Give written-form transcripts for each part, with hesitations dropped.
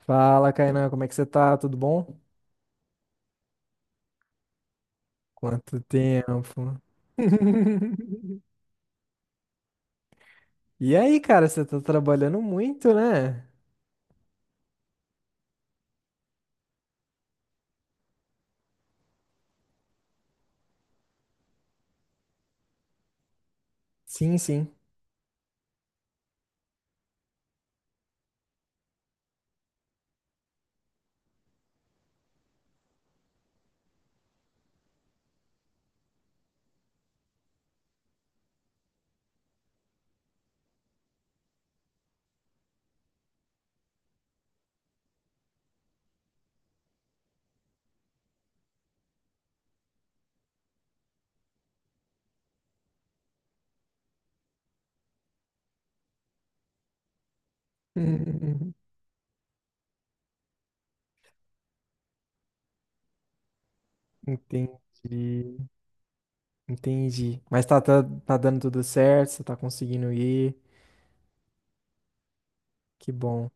Fala, Kainan, como é que você tá? Tudo bom? Quanto tempo? E aí, cara, você tá trabalhando muito, né? Sim, sim. Entendi. Entendi. Mas tá dando tudo certo, você tá conseguindo ir. Que bom.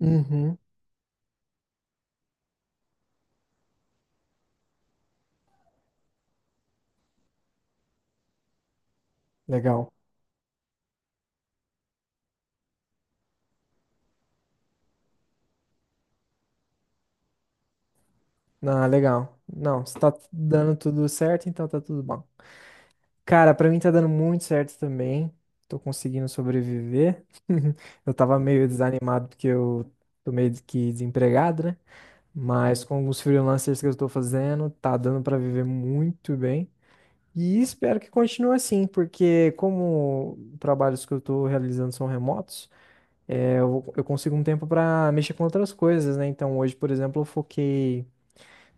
Uhum. Legal. Ah, legal. Não, se tá dando tudo certo, então tá tudo bom. Cara, pra mim tá dando muito certo também. Tô conseguindo sobreviver. Eu tava meio desanimado porque eu tô meio que desempregado, né? Mas com os freelancers que eu tô fazendo, tá dando pra viver muito bem. E espero que continue assim, porque como trabalhos que eu tô realizando são remotos, é, eu consigo um tempo pra mexer com outras coisas, né? Então hoje, por exemplo, eu foquei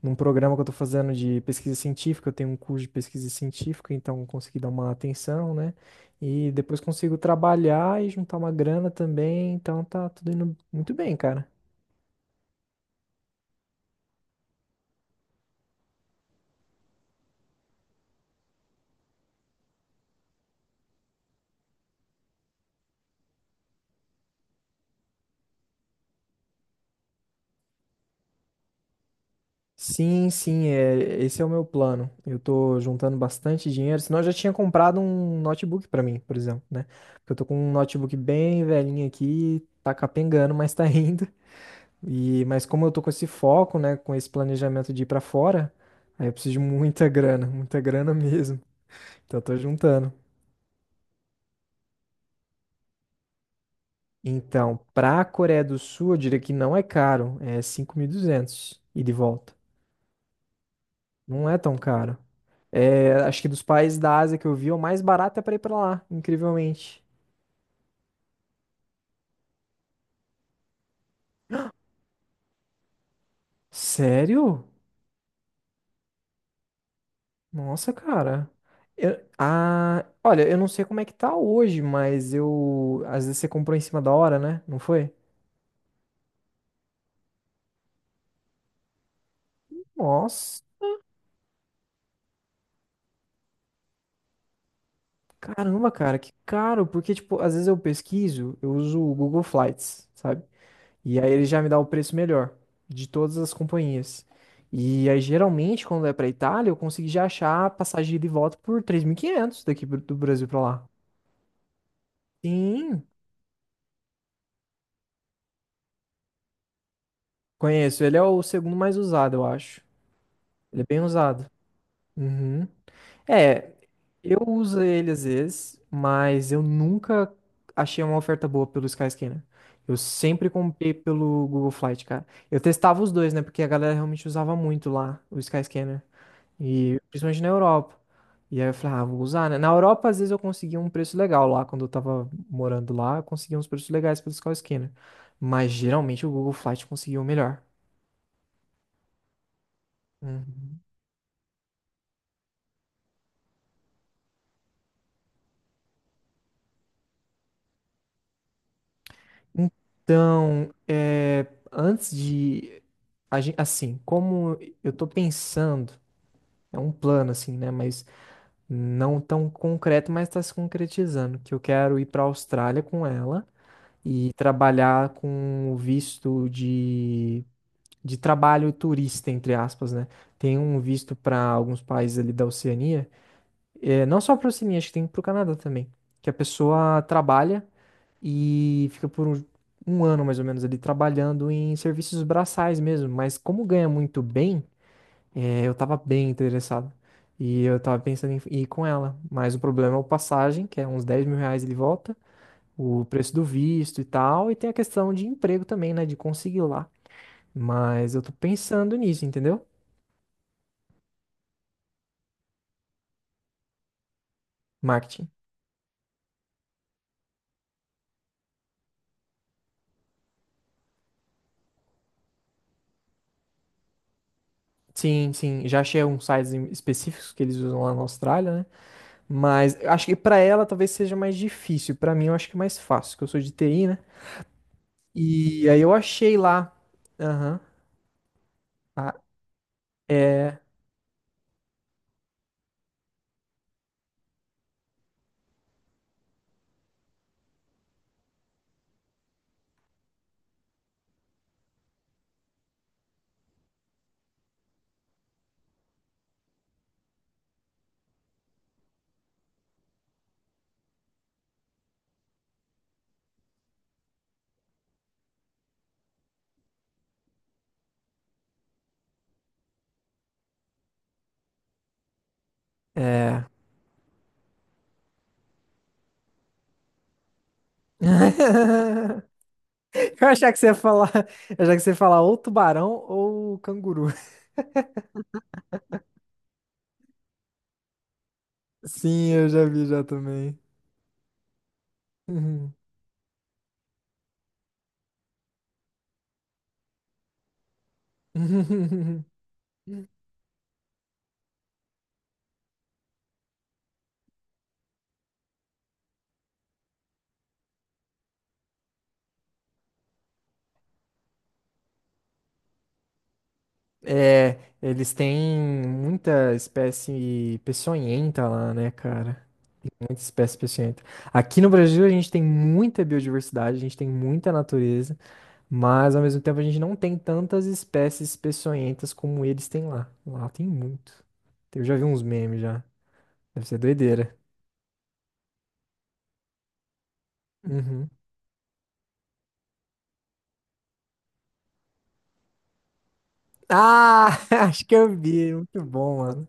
num programa que eu estou fazendo de pesquisa científica, eu tenho um curso de pesquisa científica, então eu consegui dar uma atenção, né? E depois consigo trabalhar e juntar uma grana também, então tá tudo indo muito bem, cara. Sim, sim, é, esse é o meu plano. Eu tô juntando bastante dinheiro, senão eu já tinha comprado um notebook pra mim, por exemplo, né? Porque eu tô com um notebook bem velhinho aqui, tá capengando, mas tá indo. E, mas como eu tô com esse foco, né, com esse planejamento de ir pra fora, aí eu preciso de muita grana, muita grana mesmo. Então eu tô juntando. Então, pra Coreia do Sul, eu diria que não é caro, é 5.200 e de volta. Não é tão caro. É, acho que dos países da Ásia que eu vi, é o mais barato é pra ir pra lá, incrivelmente. Sério? Nossa, cara. Eu- ah, olha, eu não sei como é que tá hoje, mas eu. Às vezes você comprou em cima da hora, né? Não foi? Nossa. Caramba, cara, que caro, porque, tipo, às vezes eu pesquiso, eu uso o Google Flights, sabe? E aí ele já me dá o preço melhor de todas as companhias. E aí, geralmente, quando é pra Itália, eu consegui já achar a passagem de ida e volta por 3.500 daqui pro- do Brasil pra lá. Sim, conheço. Ele é o segundo mais usado, eu acho. Ele é bem usado. Uhum. É, eu uso ele às vezes, mas eu nunca achei uma oferta boa pelo Sky Scanner. Eu sempre comprei pelo Google Flight, cara. Eu testava os dois, né? Porque a galera realmente usava muito lá o Sky Scanner. E principalmente na Europa. E aí eu falei, ah, vou usar, né? Na Europa, às vezes, eu conseguia um preço legal lá. Quando eu tava morando lá, eu conseguia uns preços legais pelo Sky Scanner. Mas geralmente o Google Flight conseguia o melhor. Uhum. Então, é, antes de a gen- assim, como eu tô pensando, é um plano assim, né, mas não tão concreto, mas está se concretizando, que eu quero ir para a Austrália com ela e trabalhar com o visto de trabalho turista, entre aspas, né? Tem um visto para alguns países ali da Oceania, é, não só para a Oceania, acho que tem para o Canadá também, que a pessoa trabalha e fica por um ano mais ou menos ali trabalhando em serviços braçais mesmo. Mas como ganha muito bem, é, eu tava bem interessado. E eu tava pensando em ir com ela. Mas o problema é o passagem, que é uns 10 mil reais ele volta, o preço do visto e tal, e tem a questão de emprego também, né? De conseguir lá. Mas eu tô pensando nisso, entendeu? Marketing. Sim, sim. Já achei uns sites em- específicos que eles usam lá na Austrália, né? Mas eu acho que pra ela talvez seja mais difícil. Pra mim eu acho que é mais fácil, que eu sou de TI, né? E aí eu achei lá. Aham. Ah, é, é. Eu achava que você ia falar, eu achava que você ia falar ou tubarão ou canguru. Sim, eu já vi já também. Uhum. É, eles têm muita espécie peçonhenta lá, né, cara? Muita espécie peçonhenta. Aqui no Brasil a gente tem muita biodiversidade, a gente tem muita natureza, mas ao mesmo tempo a gente não tem tantas espécies peçonhentas como eles têm lá. Lá tem muito. Eu já vi uns memes já. Deve ser doideira. Uhum. Ah, acho que eu vi. Muito bom, mano.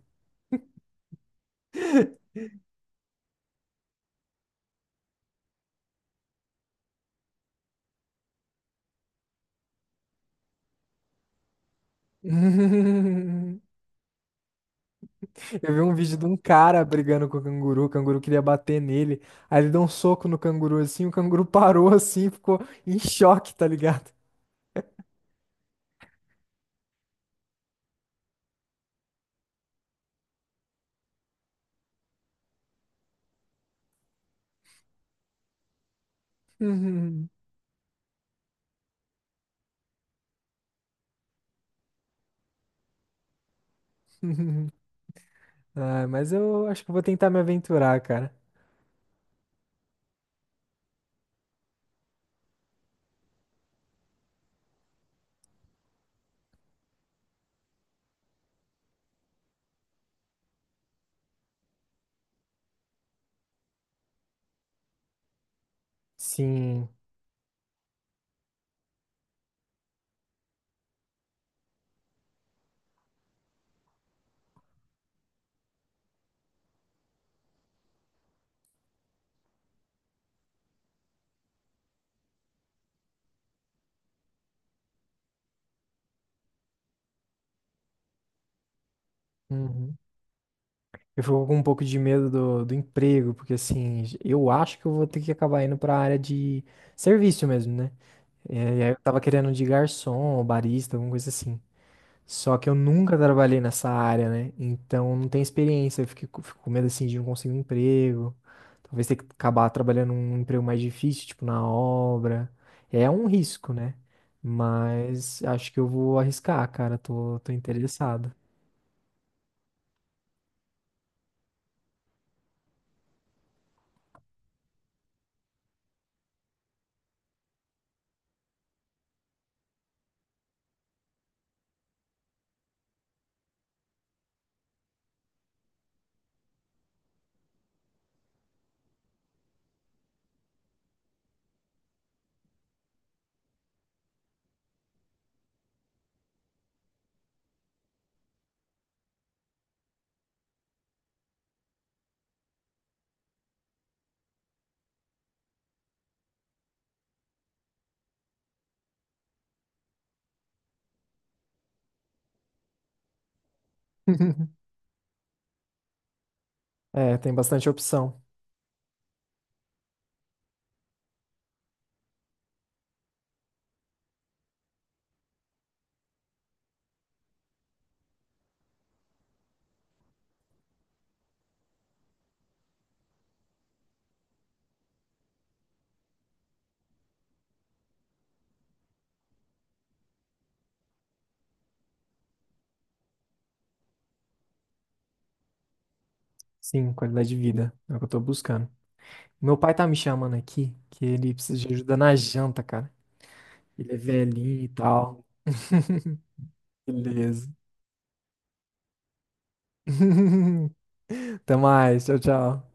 Eu vi um vídeo de um cara brigando com o canguru queria bater nele. Aí ele deu um soco no canguru assim, o canguru parou assim, ficou em choque, tá ligado? Uhum. Ah, mas eu acho que eu vou tentar me aventurar, cara. Sim. Uhum. Eu fico com um pouco de medo do, do emprego, porque assim, eu acho que eu vou ter que acabar indo pra área de serviço mesmo, né? É, e aí eu tava querendo um de garçom, ou barista, alguma coisa assim. Só que eu nunca trabalhei nessa área, né? Então não tenho experiência, eu fico com medo assim de não conseguir um emprego. Talvez ter que acabar trabalhando num emprego mais difícil, tipo na obra. É um risco, né? Mas acho que eu vou arriscar, cara. Tô interessado. É, tem bastante opção. Sim, qualidade de vida. É o que eu tô buscando. Meu pai tá me chamando aqui, que ele precisa de ajuda na janta, cara. Ele é velhinho e tal. Beleza. Até mais. Tchau, tchau.